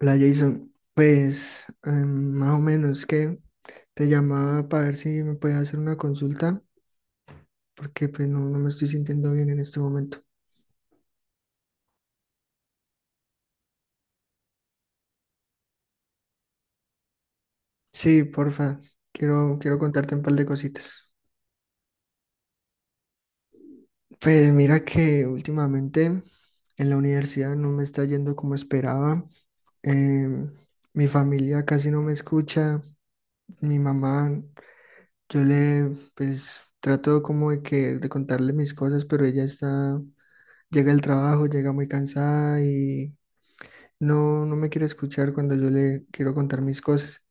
Hola Jason, pues más o menos que te llamaba para ver si me puedes hacer una consulta, porque pues no me estoy sintiendo bien en este momento. Sí, porfa, quiero contarte un par de cositas. Pues mira que últimamente en la universidad no me está yendo como esperaba. Em, mi familia casi no me escucha, mi mamá, yo le pues trato como de contarle mis cosas, pero ella está llega el trabajo, llega muy cansada y no me quiere escuchar cuando yo le quiero contar mis cosas.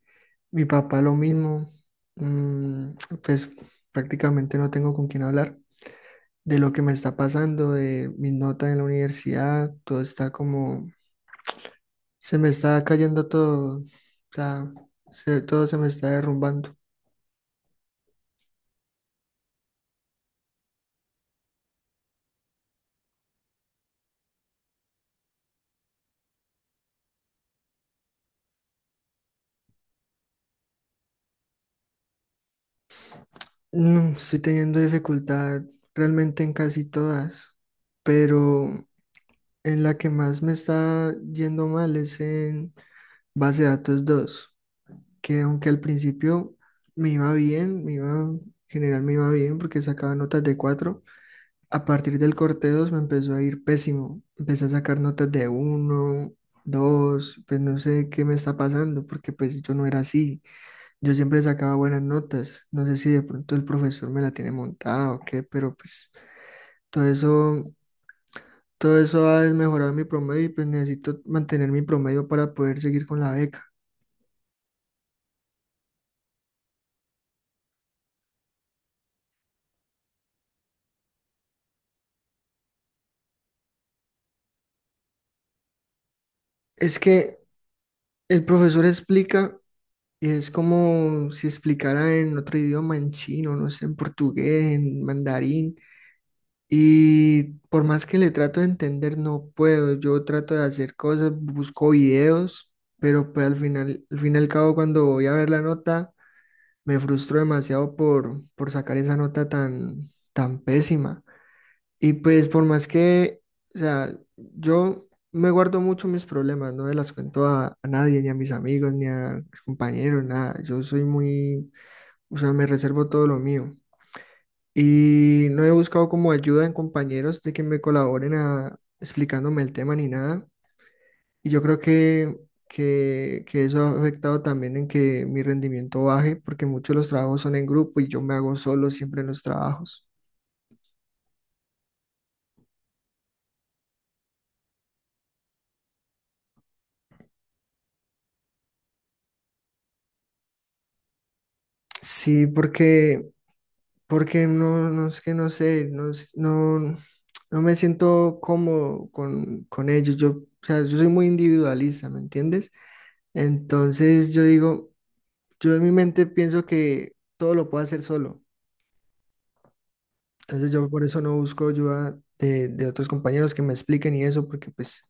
Mi papá lo mismo, mm, pues prácticamente no tengo con quién hablar de lo que me está pasando, de mis notas en la universidad, todo está como, se me está cayendo todo, o sea, todo se me está derrumbando. No, estoy teniendo dificultad realmente en casi todas, pero en la que más me está yendo mal es Base de datos dos, que aunque al principio me iba bien, me iba, en general me iba bien porque sacaba notas de cuatro. A partir del corte 2 me empezó a ir pésimo. Empecé a sacar notas de uno, dos; pues no sé qué me está pasando porque pues yo no era así. Yo siempre sacaba buenas notas, no sé si de pronto el profesor me la tiene montada o qué, pero pues todo eso, ha desmejorado mi promedio y pues necesito mantener mi promedio para poder seguir con la beca. Es que el profesor explica y es como si explicara en otro idioma, en chino, no sé, en portugués, en mandarín. Y por más que le trato de entender, no puedo. Yo trato de hacer cosas, busco videos, pero pues al final, al fin y al cabo, cuando voy a ver la nota, me frustro demasiado por sacar esa nota tan pésima. Y pues por más que, o sea, yo me guardo mucho mis problemas, no me las cuento a nadie, ni a mis amigos, ni a mis compañeros, nada. Yo soy muy, o sea, me reservo todo lo mío. Y no he buscado como ayuda en compañeros de que me colaboren a, explicándome el tema ni nada. Y yo creo que, que eso ha afectado también en que mi rendimiento baje, porque muchos de los trabajos son en grupo y yo me hago solo siempre en los trabajos. Sí, porque... no es que no sé, no, no me siento cómodo con ellos. Yo, o sea, yo soy muy individualista, ¿me entiendes? Entonces yo digo, yo en mi mente pienso que todo lo puedo hacer solo. Entonces yo por eso no busco ayuda de otros compañeros que me expliquen y eso, porque pues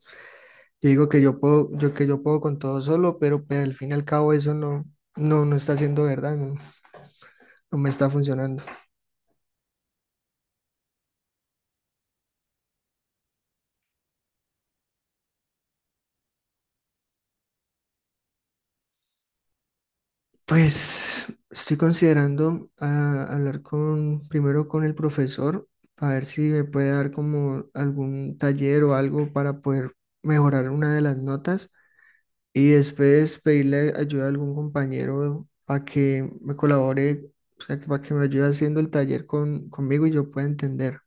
yo digo que yo puedo, yo que yo puedo con todo solo, pero pues, al fin y al cabo eso no, no está siendo verdad, no me está funcionando. Pues estoy considerando hablar primero con el profesor, a ver si me puede dar como algún taller o algo para poder mejorar una de las notas y después pedirle ayuda a algún compañero para que me colabore, o sea, que para que me ayude haciendo el taller conmigo y yo pueda entender.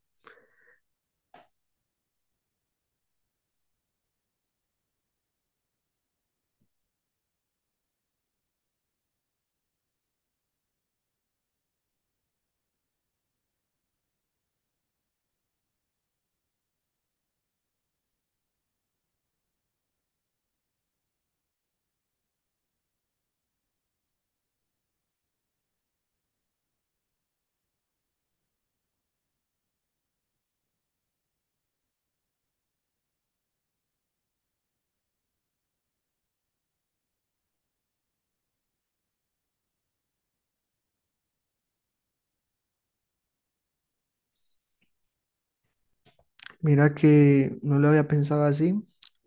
Mira que no lo había pensado así,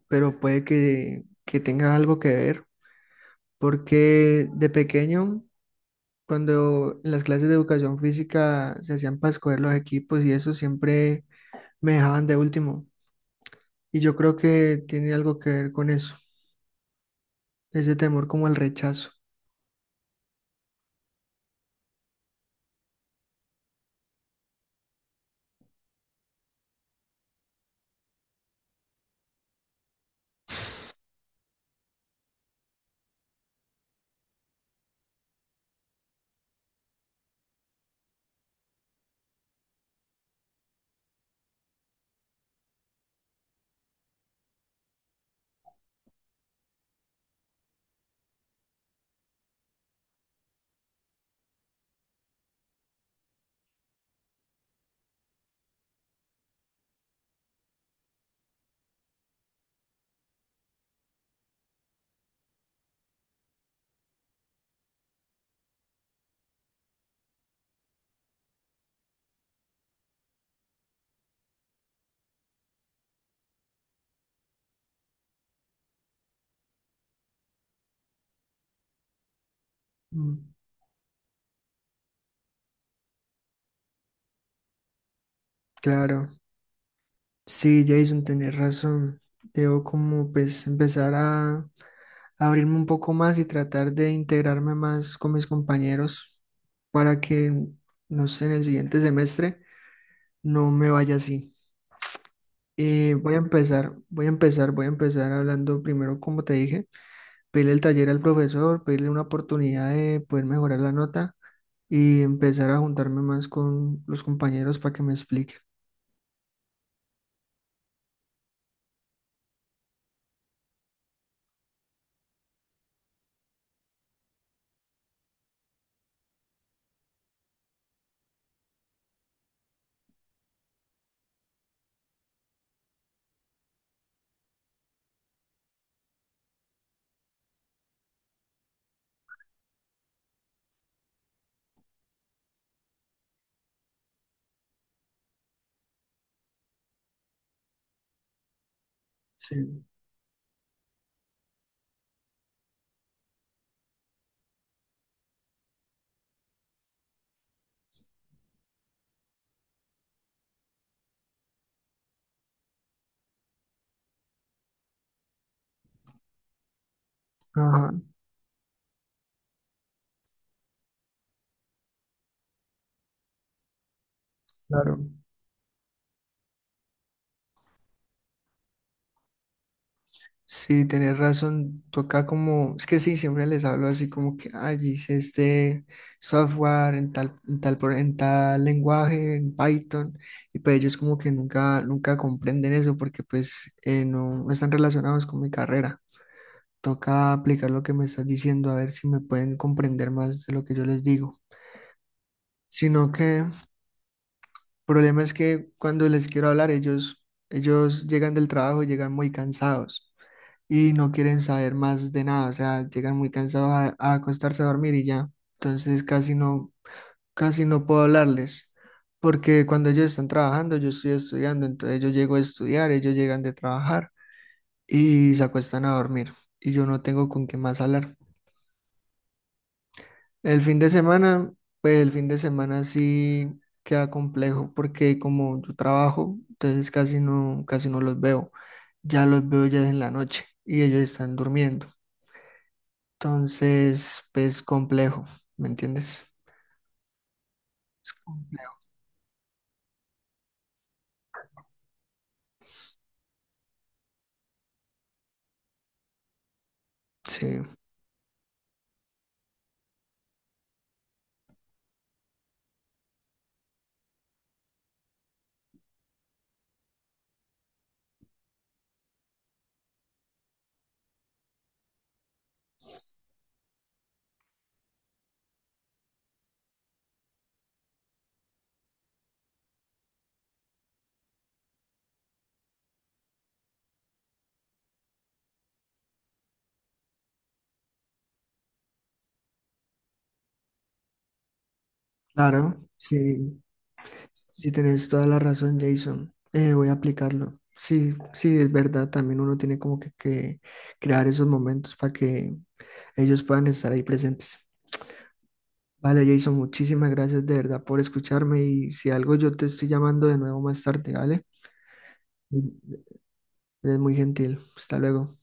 pero puede que tenga algo que ver, porque de pequeño... Cuando en las clases de educación física se hacían para escoger los equipos y eso siempre me dejaban de último. Y yo creo que tiene algo que ver con eso, ese temor como al rechazo. Mm. Claro, sí, Jason, tenés razón. Debo como pues empezar a abrirme un poco más y tratar de integrarme más con mis compañeros para que, no sé, en el siguiente semestre no me vaya así. Voy a empezar hablando primero, como te dije, pedirle el taller al profesor, pedirle una oportunidad de poder mejorar la nota y empezar a juntarme más con los compañeros para que me explique. Sí. Ajá, claro. Sí, tenés razón, toca como, es que sí, siempre les hablo así como que, ay, hice este software en tal lenguaje, en Python, y pues ellos como que nunca comprenden eso porque pues no están relacionados con mi carrera. Toca aplicar lo que me estás diciendo a ver si me pueden comprender más de lo que yo les digo. Sino que el problema es que cuando les quiero hablar, ellos llegan del trabajo, llegan muy cansados. Y no quieren saber más de nada, o sea, llegan muy cansados a acostarse a dormir y ya. Entonces casi no puedo hablarles, porque cuando ellos están trabajando, yo estoy estudiando, entonces yo llego a estudiar, ellos llegan de trabajar y se acuestan a dormir y yo no tengo con qué más hablar. El fin de semana, pues el fin de semana sí queda complejo porque como yo trabajo, entonces casi no los veo. Ya los veo ya en la noche y ellos están durmiendo. Entonces, pues complejo, ¿me entiendes? Es complejo. Sí, claro, sí, sí tienes toda la razón, Jason. Voy a aplicarlo. Sí, sí, es verdad, también uno tiene como que, crear esos momentos para que ellos puedan estar ahí presentes. Vale, Jason, muchísimas gracias de verdad por escucharme y si algo yo te estoy llamando de nuevo más tarde, ¿vale? Eres muy gentil. Hasta luego.